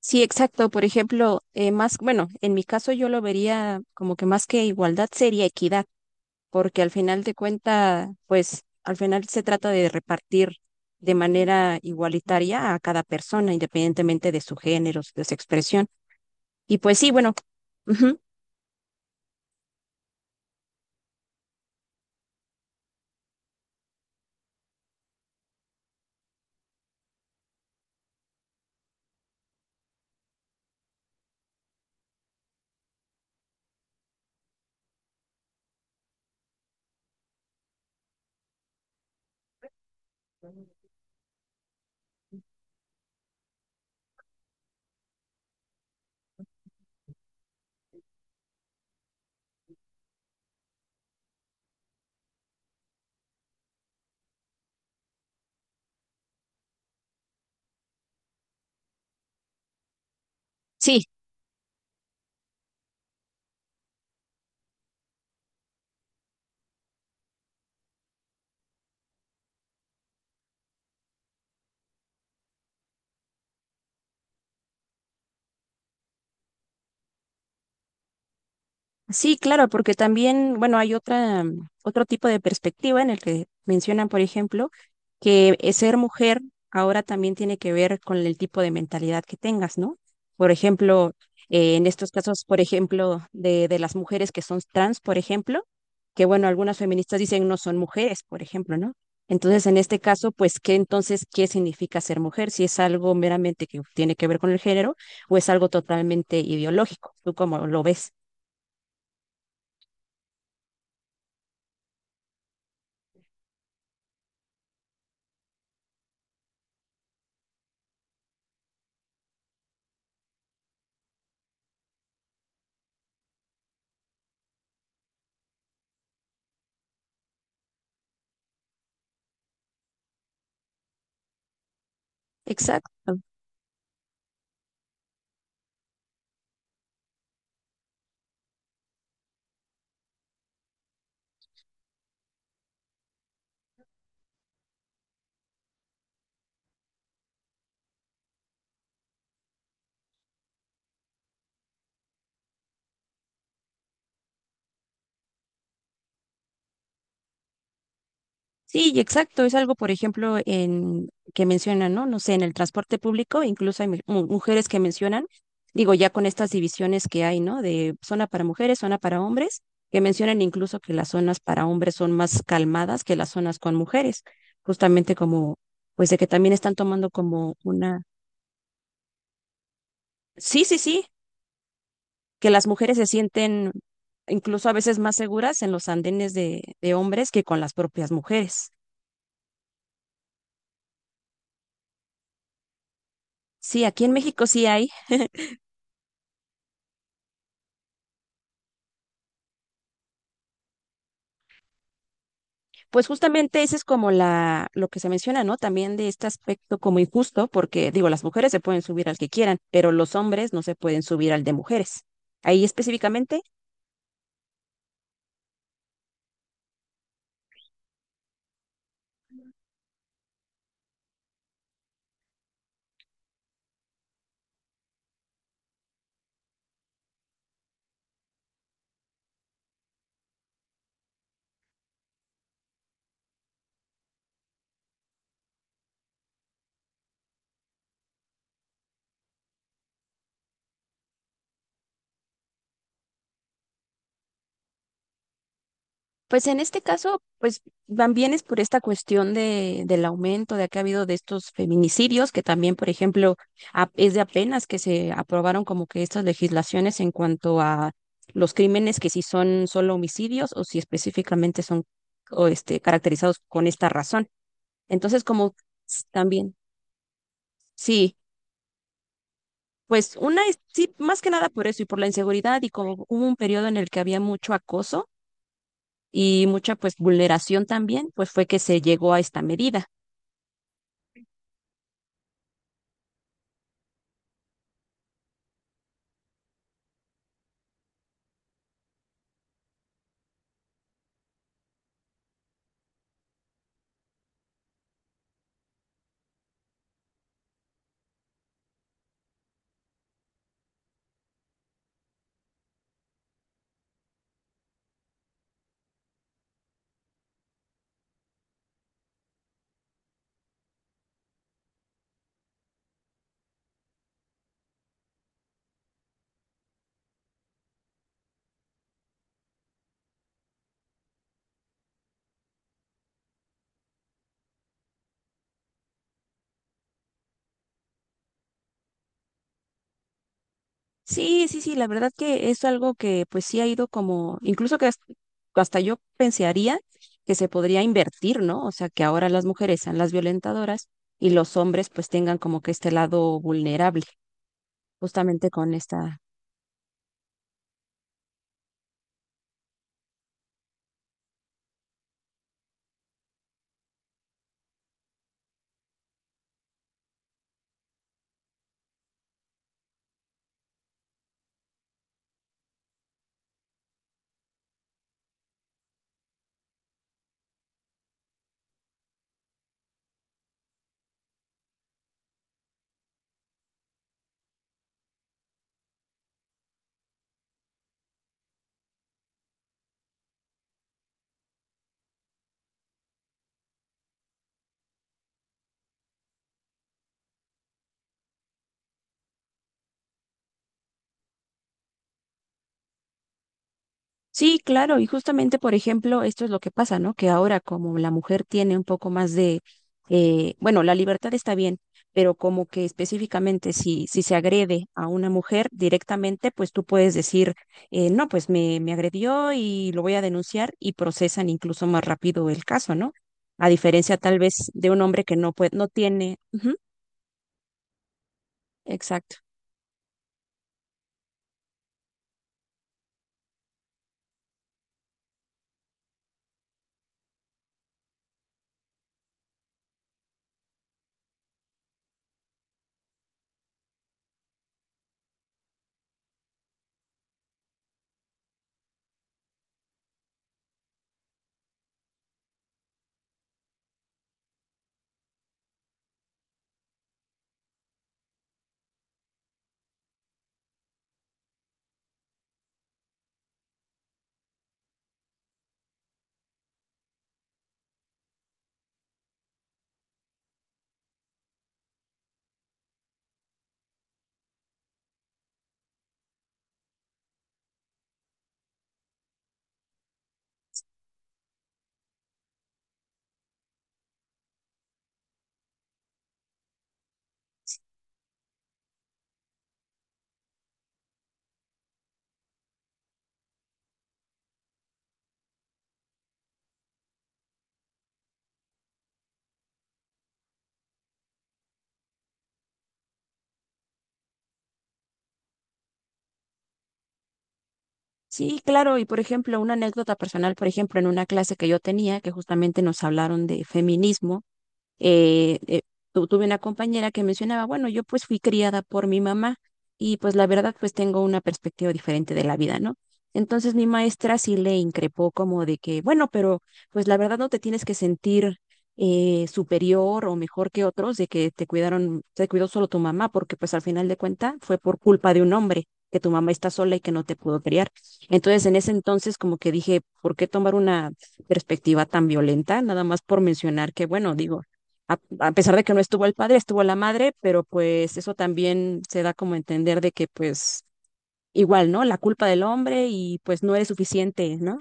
Sí, exacto. Por ejemplo, más, bueno, en mi caso yo lo vería como que más que igualdad sería equidad, porque al final de cuenta, pues al final se trata de repartir de manera igualitaria a cada persona, independientemente de su género, de su expresión. Y pues sí, bueno, ujú, sí, sí, claro, porque también, bueno, hay otra, otro tipo de perspectiva en el que mencionan, por ejemplo, que ser mujer ahora también tiene que ver con el tipo de mentalidad que tengas, ¿no? Por ejemplo, en estos casos, por ejemplo, de las mujeres que son trans, por ejemplo, que bueno, algunas feministas dicen no son mujeres, por ejemplo, ¿no? Entonces, en este caso, pues, ¿qué entonces, qué significa ser mujer? Si es algo meramente que tiene que ver con el género o es algo totalmente ideológico, ¿tú cómo lo ves? Exacto. Sí, y exacto. Es algo, por ejemplo, en que mencionan, ¿no? No sé, en el transporte público, incluso hay mujeres que mencionan, digo, ya con estas divisiones que hay, ¿no? De zona para mujeres, zona para hombres, que mencionan incluso que las zonas para hombres son más calmadas que las zonas con mujeres, justamente como, pues de que también están tomando como una... Sí, sí, sí, que las mujeres se sienten incluso a veces más seguras en los andenes de hombres que con las propias mujeres. Sí, aquí en México sí hay. Pues justamente ese es como la, lo que se menciona, ¿no? También de este aspecto como injusto, porque digo, las mujeres se pueden subir al que quieran, pero los hombres no se pueden subir al de mujeres. Ahí específicamente, pues en este caso, pues van bien es por esta cuestión del aumento de que ha habido de estos feminicidios, que también, por ejemplo, es de apenas que se aprobaron como que estas legislaciones en cuanto a los crímenes que si son solo homicidios o si específicamente son o este, caracterizados con esta razón. Entonces, como también, sí, pues una, sí, más que nada por eso y por la inseguridad y como hubo un periodo en el que había mucho acoso y mucha pues vulneración también, pues fue que se llegó a esta medida. Sí, sí, sí, la verdad que es algo que pues sí ha ido como, incluso que hasta yo pensaría que se podría invertir, ¿no? O sea, que ahora las mujeres sean las violentadoras y los hombres pues tengan como que este lado vulnerable, justamente con esta sí, claro, y justamente, por ejemplo, esto es lo que pasa, ¿no? Que ahora como la mujer tiene un poco más de, bueno, la libertad está bien, pero como que específicamente si se agrede a una mujer directamente, pues tú puedes decir, no, pues me agredió y lo voy a denunciar y procesan incluso más rápido el caso, ¿no? A diferencia tal vez de un hombre que no puede, no tiene, ujú, exacto. Sí, claro, y por ejemplo, una anécdota personal, por ejemplo, en una clase que yo tenía, que justamente nos hablaron de feminismo eh, eh, tuve una compañera que mencionaba, bueno, yo pues fui criada por mi mamá y pues la verdad pues tengo una perspectiva diferente de la vida, ¿no? Entonces mi maestra sí le increpó como de que, bueno, pero pues la verdad no te tienes que sentir superior o mejor que otros de que te cuidaron, te cuidó solo tu mamá, porque pues al final de cuentas fue por culpa de un hombre, que tu mamá está sola y que no te pudo criar. Entonces, en ese entonces, como que dije, ¿por qué tomar una perspectiva tan violenta? Nada más por mencionar que, bueno, digo, a pesar de que no estuvo el padre, estuvo la madre, pero pues eso también se da como a entender de que pues igual, ¿no? La culpa del hombre y pues no eres suficiente, ¿no?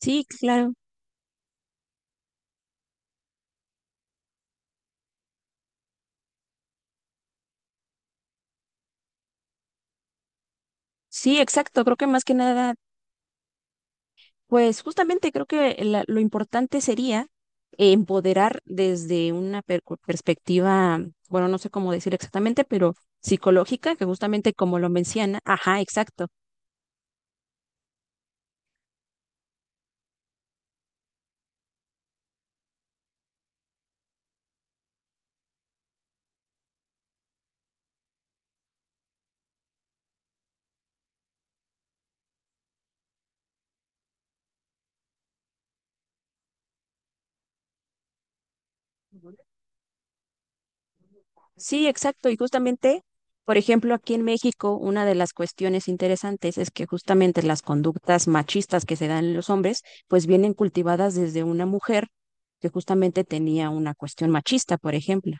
Sí, claro. Sí, exacto. Creo que más que nada, pues justamente creo que lo importante sería empoderar desde una perspectiva, bueno, no sé cómo decir exactamente, pero psicológica, que justamente como lo menciona, ajá, exacto. Sí, exacto. Y justamente, por ejemplo, aquí en México, una de las cuestiones interesantes es que justamente las conductas machistas que se dan en los hombres, pues vienen cultivadas desde una mujer que justamente tenía una cuestión machista, por ejemplo.